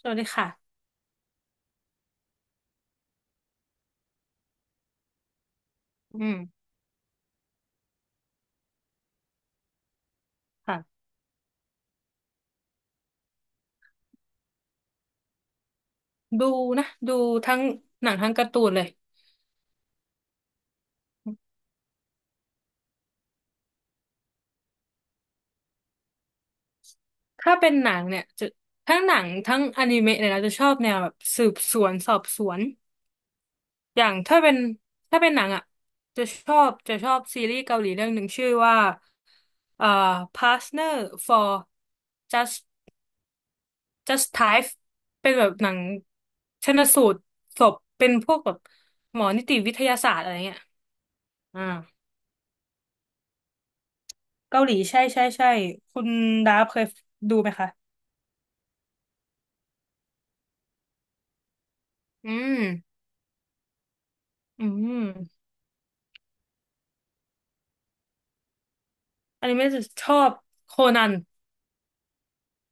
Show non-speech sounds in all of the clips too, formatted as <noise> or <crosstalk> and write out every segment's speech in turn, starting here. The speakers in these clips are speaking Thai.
สวัสดีค่ะอืมค่ะ ดูนะ ดูทั้งหนังทั้งการ์ตูนเลย ถ้าเป็นหนังเนี่ยจะทั้งหนังทั้งอนิเมะเลยนะจะชอบแนวแบบสืบสวนสอบสวน อย่างถ้าเป็นหนังอ่ะจะชอบซีรีส์เกาหลีเรื่องหนึ่งชื่อว่าเอ่อ Partner for Just Just Type เป็นแบบหนังชันสูตรศพเป็นพวกแบบหมอนิติวิทยาศาสตร์อะไรเงี้ยอ่า เกาหลีใช่ใช่ใช่คุณดาฟเคยดูไหมคะ อืมอืมอันนี้ไม่ได้ชอบโคนัน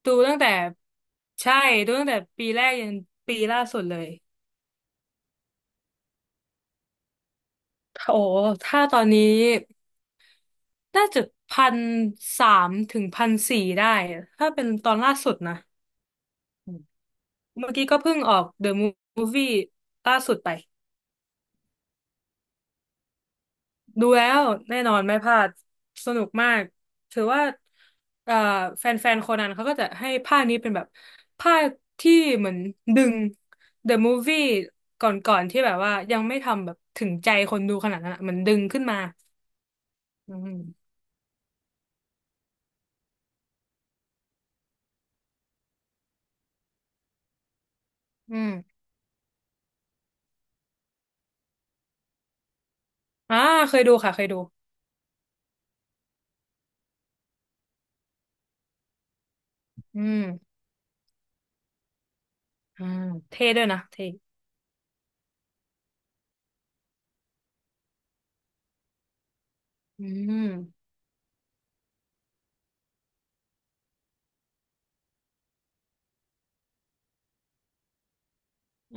ดูตั้งแต่ใช่ดูตั้งแต่ปีแรกยันปีล่าสุดเลยโอ้ถ้าตอนนี้น่าจะพันสามถึงพันสี่ได้ถ้าเป็นตอนล่าสุดนะเมื่อกี้ก็เพิ่งออก The Movie ล่าสุดไป ดูแล้วแน่นอนไม่พลาดสนุกมากถือว่าเอ่อแฟนๆโคนันเขาก็จะให้ภาคนี้เป็นแบบภาคที่เหมือนดึง The Movie ก่อนๆที่แบบว่ายังไม่ทำแบบถึงใจคนดูขนาดนั้นอะเหมือนดึงขึ้นมาอืมอืมอ่าเคยดูค่ะเคยดูอืมอ่าเท่ด้วยนะเท่อืม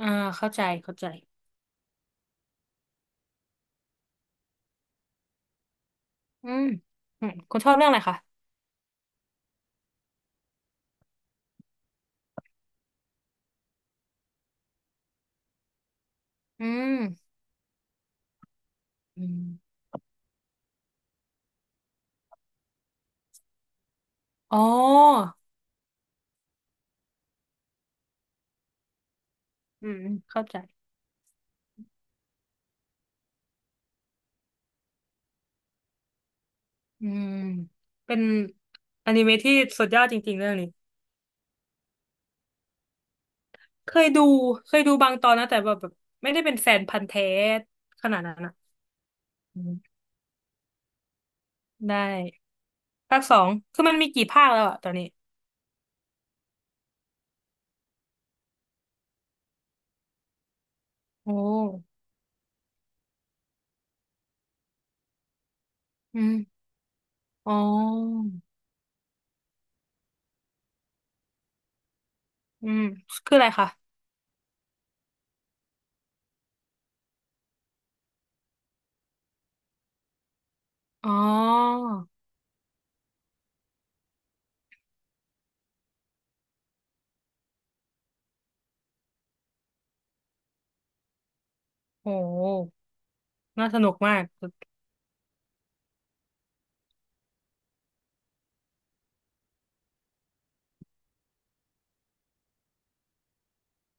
อ่าเข้าใจเข้าใจอืมอืมคุณชอบเรื่องอะไรคะอืมอืมอ๋ออืมเข้าใจ อืมเป็นอนิเมะที่สุดยอดจริงๆเรื่องนี้เคยดูเคยดูบางตอนนะแต่แบบไม่ได้เป็นแฟนพันธุ์แท้ขนาดนั้นอ่ะอืมได้ภาคสองคือมันมีกี่ภาคแล้วอะตอนนี้โอ้อืมอ๋ออืมคืออะไรคะอ๋อโหน่าสนุกมาก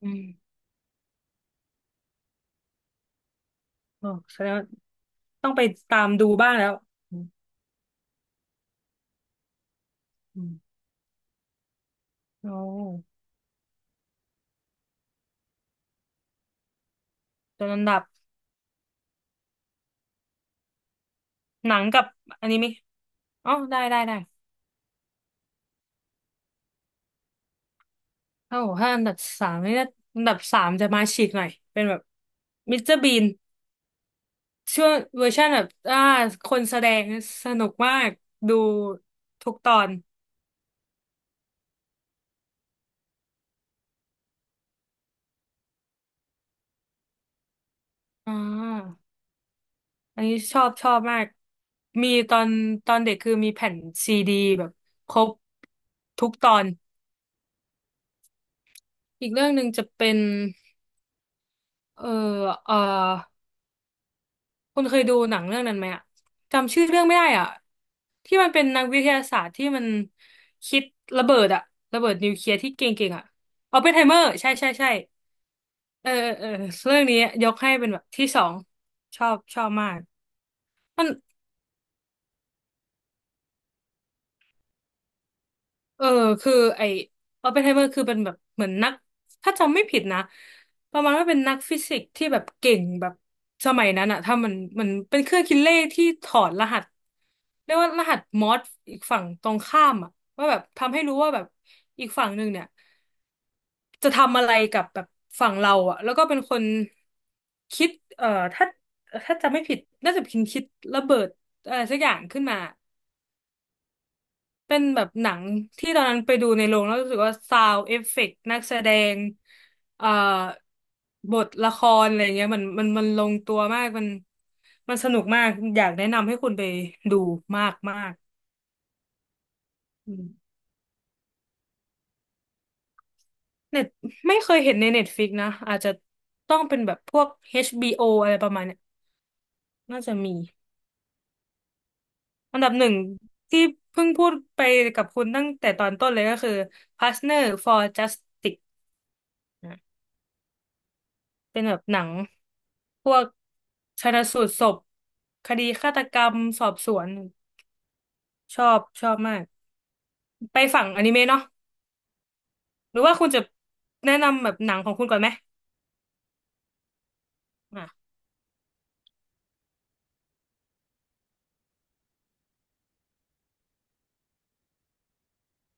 อืมโอ้แสดงว่าต้องไปตามดูบ้างแล้วอืมอืมโอ้ตัวอันดับหนังกับอนิเมะอ๋อได้ได้ได้ ถ้าบอกถ้าอันดับสามนี่น่าอันดับสามจะมาฉีกหน่อยเป็นแบบมิสเตอร์บีนช่วงเวอร์ชันแบบคนแสดงสนุกมากดูทุกตอนอ่าอันนี้ชอบชอบมาก มีตอนเด็กคือมีแผ่นซีดีแบบครบทุกตอน อีกเรื่องหนึ่งจะเป็นเอ่อเอ่อ คุณเคยดูหนังเรื่องนั้นไหมอะจำชื่อเรื่องไม่ได้อ่ะที่มันเป็นนักวิทยาศาสตร์ที่มันคิดระเบิดอะระเบิดนิวเคลียร์ที่เก่งๆอะออปเพนไฮเมอร์ใช่ใช่ใช่เออเออเออเรื่องนี้ยกให้เป็นแบบที่สองชอบชอบมากมัน เออคือไอออปเพนไฮเมอร์คือเป็นแบบเหมือนนักถ้าจำไม่ผิดนะประมาณว่าเป็นนักฟิสิกส์ที่แบบเก่งแบบสมัยนั้นอะถ้ามันเป็นเครื่องคิดเลขที่ถอดรหัสเรียกว่ารหัสมอร์สอีกฝั่งตรงข้ามอะว่าแบบทำให้รู้ว่าแบบอีกฝั่งหนึ่งเนี่ยจะทำอะไรกับแบบฝั่งเราอะแล้วก็เป็นคนคิดเอ่อถ้าจำไม่ผิดน่าจะเป็นคิดระเบิดอะไรสักอย่างขึ้นมา เป็นแบบหนังที่ตอนนั้นไปดูในโรงแล้วรู้สึกว่าซาวเอฟเฟกต์นักแสดงเอ่อบทละครอะไรเงี้ยมันมันลงตัวมากมันมันสนุกมากอยากแนะนำให้คุณไปดูมากมากอืมเน็ตไม่เคยเห็นในเน็ตฟ i ิกนะอาจจะต้องเป็นแบบพวก HBO อชบีโออะไรประมาณเนี้ยน่าจะมีอันดับหนึ่งที่เพิ่งพูดไปกับคุณตั้งแต่ตอนต้นเลยก็คือ Partner for Justice เป็นแบบหนังพวกชันสูตรศพคดีฆาตกรรมสอบสวนชอบชอบมากไปฝั่งอนิเมะเนาะหรือว่าคุณจะแนะนำแบบหนังของคุณก่อนไหมอ่ะ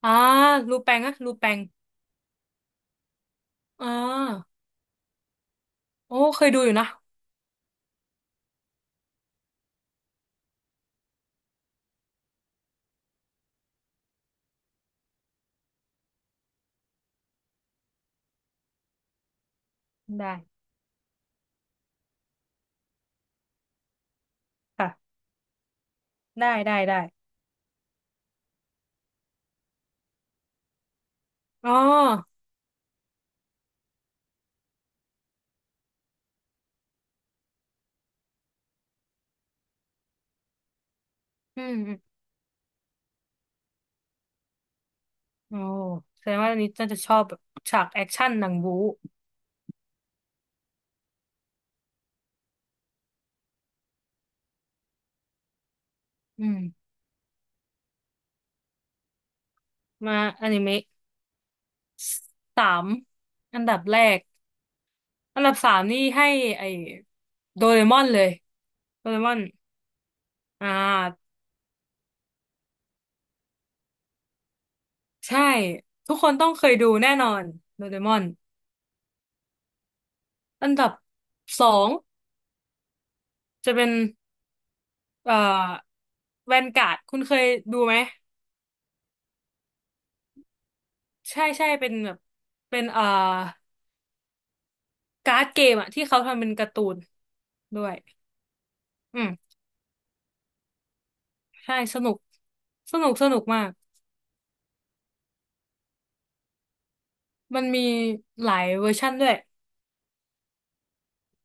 อ่ารูแปงอะรูแปงอ่าโอ้เคยดูอยู่นะได้ค่ะได้ได้ได้อ๋ออืมอืมโอ้แสดงว่าอันนี้น่าจะชอบแบบฉากแอคชั่นหนังบู๊อืมมาอนิเมะสามอันดับแรก อันดับสามนี่ให้ไอ้โดเรมอนเลยโดเรมอนอ่าใช่ทุกคนต้องเคยดูแน่นอนโดเรมอนอันดับสองจะเป็นเอ่อแวนการ์ดคุณเคยดูไหมใช่ใช่เป็นแบบเป็นการ์ดเกมอะที่เขาทำเป็นการ์ตูนด้วยอืมใช่สนุกสนุกมากมันมีหลายเวอร์ชั่นด้วย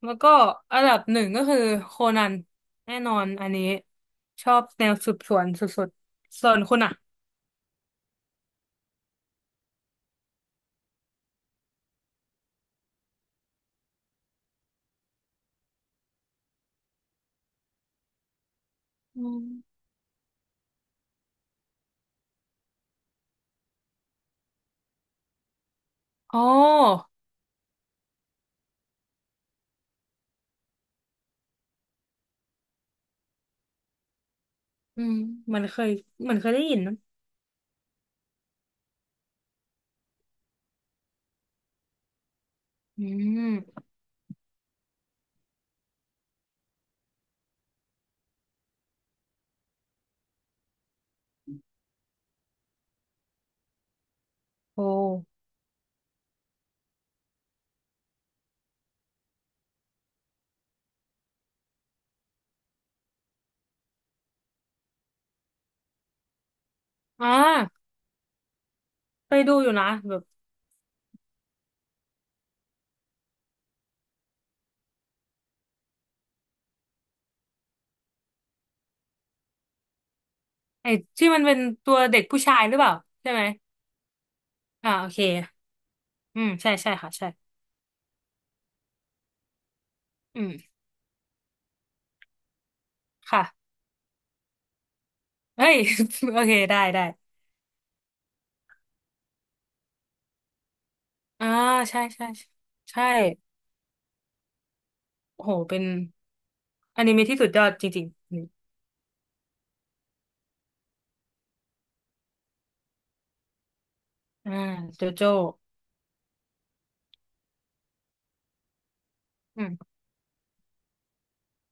แล้วก็อันดับหนึ่งก็คือโคนันแน่นอนอันนี้ชอบแนวสืบสวนสุดๆส่วนคุณอ่ะอืมอ๋ออืมมันเคยได้ยินนะอืมโอ้อ่าไปดูอยู่นะแบบไอ้ที่มันเป็นตัวเด็กผู้ชายหรือเปล่าใช่ไหมอ่าโอเคอืมใช่ใช่ค่ะใช่อืมค่ะเฮ้ย <laughs> โอเคได้ได้อ่าใช่ใช่ใช่่โอ้โหเป็นอนิเมะที่สุดยอดจริงๆอมอ่าโจโจ้ อืม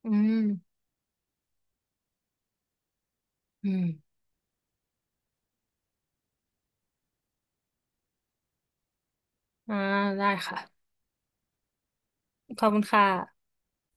อืมอืมอ่าได้ค่ะขอบคุณค่ะ